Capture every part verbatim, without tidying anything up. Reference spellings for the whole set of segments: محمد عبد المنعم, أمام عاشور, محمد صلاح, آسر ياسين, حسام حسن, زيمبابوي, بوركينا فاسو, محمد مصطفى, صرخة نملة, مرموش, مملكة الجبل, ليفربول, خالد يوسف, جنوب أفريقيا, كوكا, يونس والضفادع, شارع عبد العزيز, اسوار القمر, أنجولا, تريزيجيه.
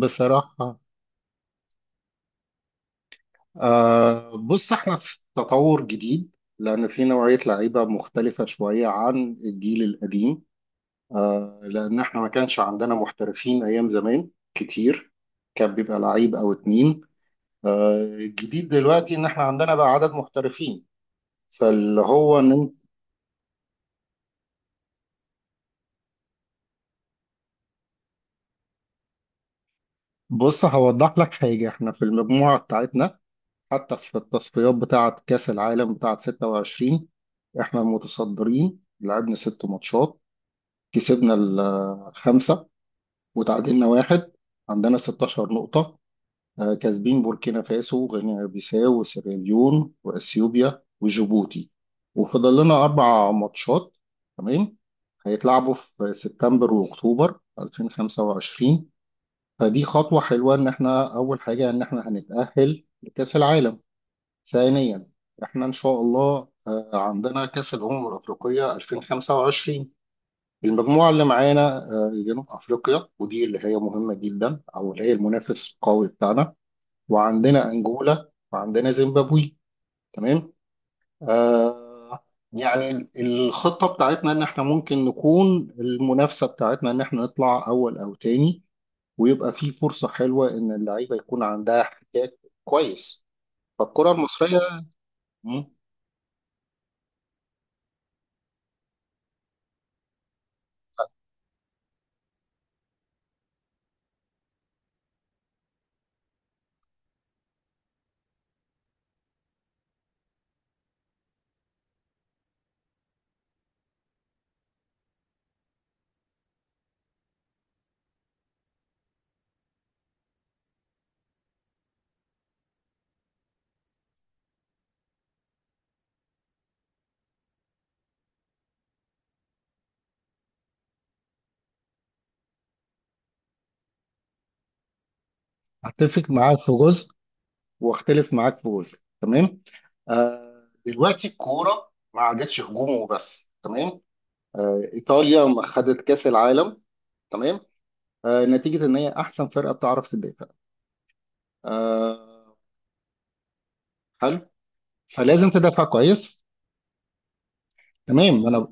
بصراحة، آه بص احنا في تطور جديد، لأن في نوعية لعيبة مختلفة شوية عن الجيل القديم. آه لأن احنا ما كانش عندنا محترفين أيام زمان كتير، كان بيبقى لعيب أو اتنين. آه الجديد دلوقتي إن احنا عندنا بقى عدد محترفين، فاللي هو إن انت- بص هوضح لك حاجة. احنا في المجموعة بتاعتنا، حتى في التصفيات بتاعة كأس العالم بتاعة ستة وعشرين، احنا المتصدرين لعبنا ست ماتشات، كسبنا الخمسة وتعادلنا واحد، عندنا ستاشر نقطة. آه، كاسبين بوركينا فاسو وغينيا بيساو وسيراليون وأثيوبيا وجيبوتي، وفضل لنا أربع ماتشات، تمام. هيتلعبوا في سبتمبر وأكتوبر ألفين وخمسة وعشرين. فدي خطوة حلوة، إن إحنا أول حاجة إن إحنا هنتأهل لكأس العالم. ثانيا، إحنا إن شاء الله آه، عندنا كأس الأمم الأفريقية ألفين وخمسة وعشرين. المجموعة اللي معانا آه، جنوب أفريقيا، ودي اللي هي مهمة جدا، أو اللي هي المنافس القوي بتاعنا. وعندنا أنجولا وعندنا زيمبابوي، تمام. آه يعني الخطة بتاعتنا إن إحنا ممكن نكون، المنافسة بتاعتنا إن إحنا نطلع أول أو تاني، ويبقى في فرصة حلوة إن اللعيبة يكون عندها احتكاك كويس، فالكرة المصرية. مم، أتفق معاك في جزء واختلف معاك في جزء، تمام. آه دلوقتي الكوره ما عادتش هجوم وبس، تمام. آه ايطاليا ما خدت كاس العالم، تمام، آه نتيجه ان هي احسن فرقه بتعرف تدافع. آه حلو، فلازم تدافع كويس. تمام، ما انا،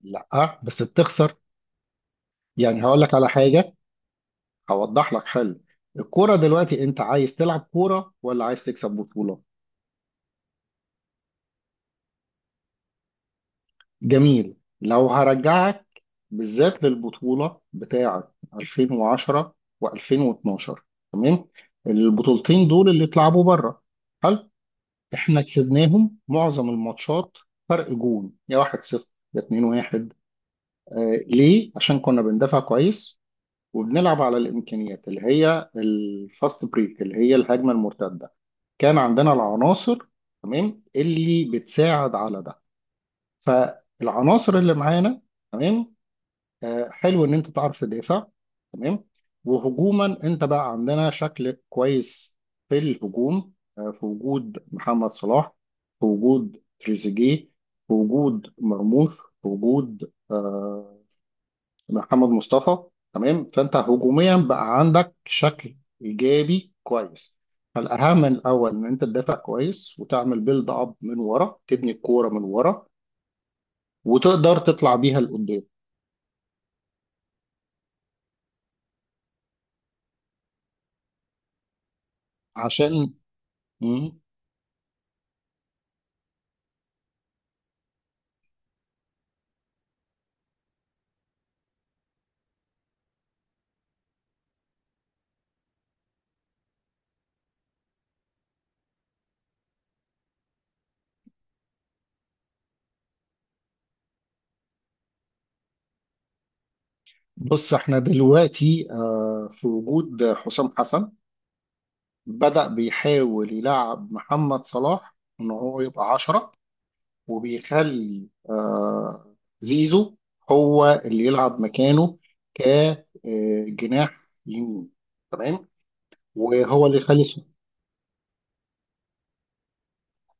لا بس بتخسر، يعني هقول لك على حاجه، هوضح لك حل. الكوره دلوقتي، انت عايز تلعب كوره ولا عايز تكسب بطوله؟ جميل. لو هرجعك بالذات للبطولة بتاعة ألفين وعشرة و2012، تمام، البطولتين دول اللي اتلعبوا بره، هل احنا كسبناهم؟ معظم الماتشات فرق جون، يا واحد صفر يا اتنين واحد. آه ليه؟ عشان كنا بندافع كويس، وبنلعب على الامكانيات اللي هي الفاست بريك اللي هي الهجمة المرتدة. كان عندنا العناصر، تمام، اللي بتساعد على ده. فالعناصر اللي معانا، تمام، آه، حلو ان انت تعرف تدافع، تمام. وهجوما، انت بقى عندنا شكل كويس في الهجوم، آه، في وجود محمد صلاح، في وجود تريزيجيه، في وجود مرموش، في وجود آه، محمد مصطفى. تمام، فانت هجوميا بقى عندك شكل ايجابي كويس. فالاهم الاول ان انت تدافع كويس، وتعمل بيلد اب من ورا، تبني الكوره من ورا وتقدر تطلع بيها لقدام. عشان مم. بص احنا دلوقتي آه، في وجود حسام حسن، بدأ بيحاول يلعب محمد صلاح ان هو يبقى عشرة، وبيخلي آه، زيزو هو اللي يلعب مكانه كجناح يمين، تمام. وهو اللي يخلي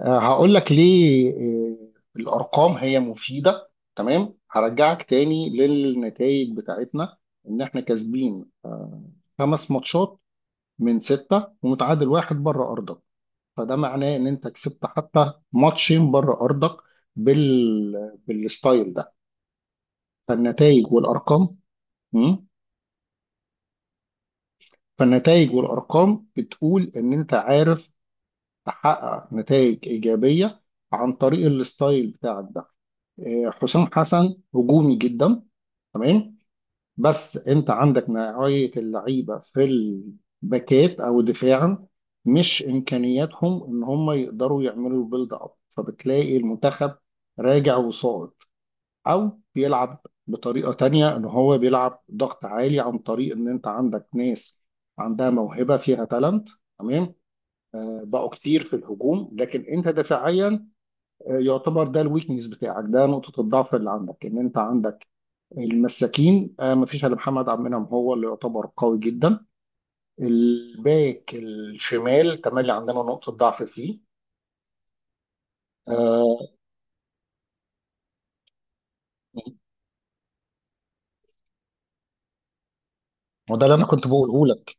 آه، هقول لك ليه. آه، الارقام هي مفيده، تمام. هرجعك تاني للنتائج بتاعتنا، ان احنا كاسبين خمس ماتشات من سته ومتعادل واحد بره ارضك، فده معناه ان انت كسبت حتى ماتشين بره ارضك بال... بالستايل ده. فالنتائج والارقام، مم، فالنتائج والارقام بتقول ان انت عارف تحقق نتائج ايجابيه عن طريق الستايل بتاعك ده. آه، حسام حسن هجومي جدا، تمام. بس انت عندك نوعية اللعيبة في الباكات او دفاع، مش امكانياتهم ان هم يقدروا يعملوا بيلد اب، فبتلاقي المنتخب راجع وصاعد، او بيلعب بطريقة تانية ان هو بيلعب ضغط عالي عن طريق ان انت عندك ناس عندها موهبة فيها تالنت، تمام. آه، بقوا كتير في الهجوم، لكن انت دفاعيا يعتبر ده الويكنس بتاعك، ده نقطة الضعف اللي عندك، ان انت عندك المساكين. آه، مفيش الا محمد عبد المنعم هو اللي يعتبر قوي جدا. الباك الشمال تملي عندنا نقطة ضعف فيه. آه، وده اللي انا كنت بقوله لك.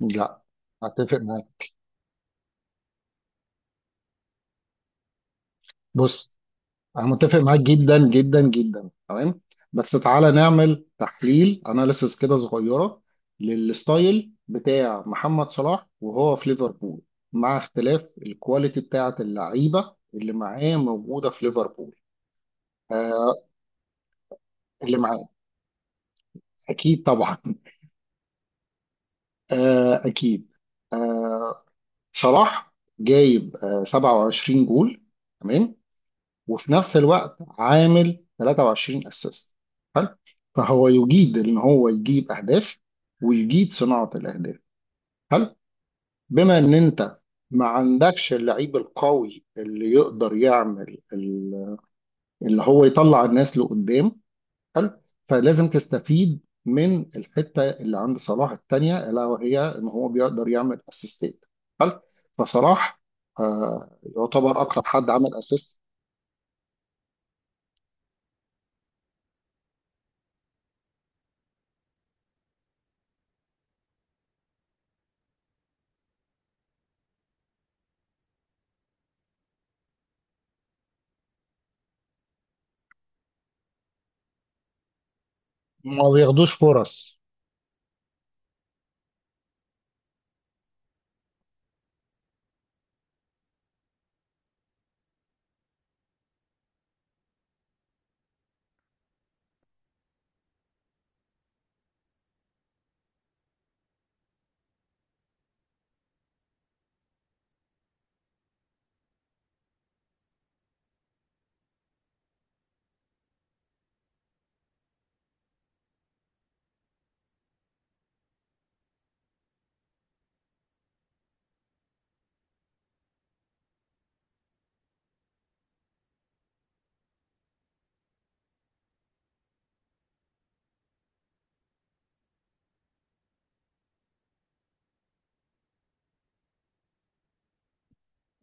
لا، هتفق معاك. بص، انا متفق معاك جدا جدا جدا، تمام. بس تعالى نعمل تحليل، اناليسس كده صغيره، للستايل بتاع محمد صلاح وهو في ليفربول، مع اختلاف الكواليتي بتاعه اللعيبه اللي معاه موجوده في ليفربول. آه اللي معاه، اكيد طبعا. آه اكيد آه صلاح جايب آه سبعة وعشرين جول، تمام، وفي نفس الوقت عامل تلاتة وعشرين اسيست، حلو. فهو يجيد ان هو يجيب اهداف، ويجيد صناعة الاهداف، حلو. بما ان انت ما عندكش اللعيب القوي اللي يقدر يعمل ال- اللي هو يطلع الناس لقدام، حلو، فلازم تستفيد من الحتة اللي عند صلاح التانية، الا وهي ان هو بيقدر يعمل اسيستات، حلو. فصلاح آه، يعتبر اكتر حد عمل اسيست. ما بياخدوش فرص.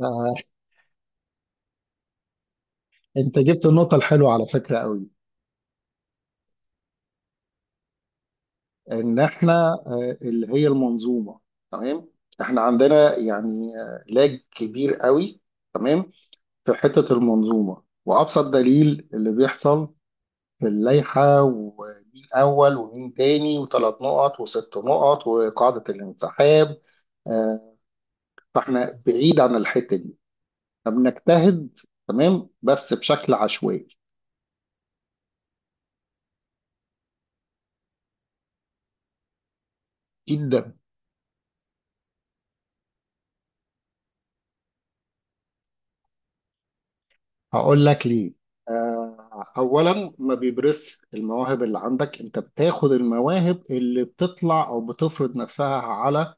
آه، انت جبت النقطة الحلوة على فكرة قوي، ان احنا آه، اللي هي المنظومة، تمام. احنا عندنا يعني آه، لاج كبير قوي، تمام، في حتة المنظومة. وابسط دليل اللي بيحصل في اللائحة، ومين اول ومين تاني، وثلاث نقط وست نقط وقاعدة الانسحاب، آه، فاحنا بعيد عن الحتة دي. فبنجتهد، تمام، بس بشكل عشوائي. جدا. هقول لك ليه. آه، اولا ما بيبرزش المواهب اللي عندك، انت بتاخد المواهب اللي بتطلع او بتفرض نفسها على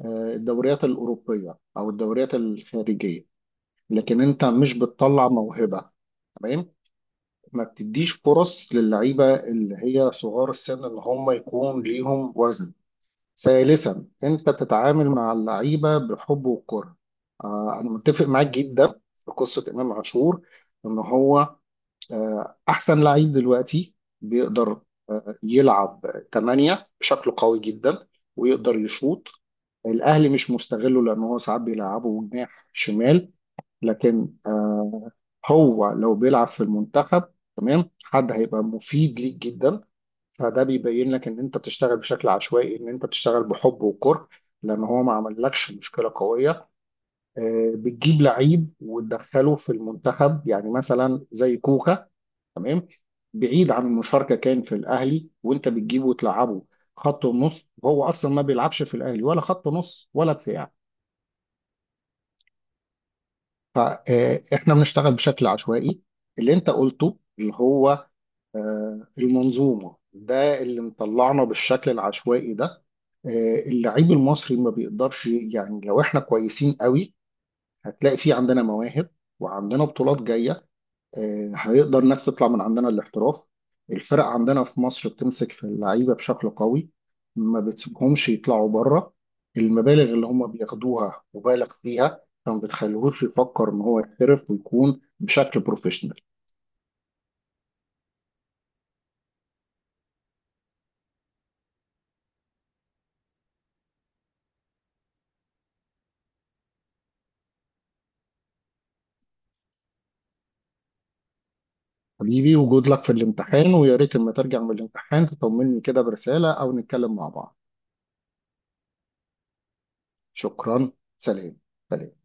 آه، الدوريات الاوروبيه او الدوريات الخارجيه، لكن انت مش بتطلع موهبه، تمام. ما بتديش فرص للعيبه اللي هي صغار السن اللي هم يكون ليهم وزن. ثالثا، انت تتعامل مع اللعيبه بالحب والكره. آه، انا متفق معاك جدا في قصه امام عاشور، ان هو آه، أحسن لعيب دلوقتي، بيقدر آه، يلعب تمانية بشكل قوي جدا، ويقدر يشوط. الأهلي مش مستغله، لأن هو ساعات بيلعبه جناح شمال، لكن آه، هو لو بيلعب في المنتخب، تمام، حد هيبقى مفيد ليك جدا. فده بيبين لك إن أنت بتشتغل بشكل عشوائي، إن أنت بتشتغل بحب وكره، لأن هو ما عملكش مشكلة قوية. آه، بتجيب لعيب وتدخله في المنتخب، يعني مثلا زي كوكا، تمام، بعيد عن المشاركه، كان في الاهلي وانت بتجيبه وتلعبه خط ونص، وهو اصلا ما بيلعبش في الاهلي ولا خط نص ولا دفاع. فاحنا بنشتغل بشكل عشوائي. اللي انت قلته اللي هو آه، المنظومه، ده اللي مطلعنا بالشكل العشوائي ده. آه، اللعيب المصري ما بيقدرش، يعني لو احنا كويسين قوي، هتلاقي في عندنا مواهب، وعندنا بطولات جايه، آه، هيقدر الناس تطلع من عندنا، الاحتراف. الفرق عندنا في مصر بتمسك في اللعيبة بشكل قوي، ما بتسيبهمش يطلعوا بره. المبالغ اللي هم بياخدوها مبالغ فيها، فما بتخليهوش يفكر ان هو يحترف ويكون بشكل بروفيشنال. حبيبي، وجود لك في الامتحان، ويا ريت لما ترجع من الامتحان تطمني كده برسالة او نتكلم مع بعض. شكرا. سلام. سلام.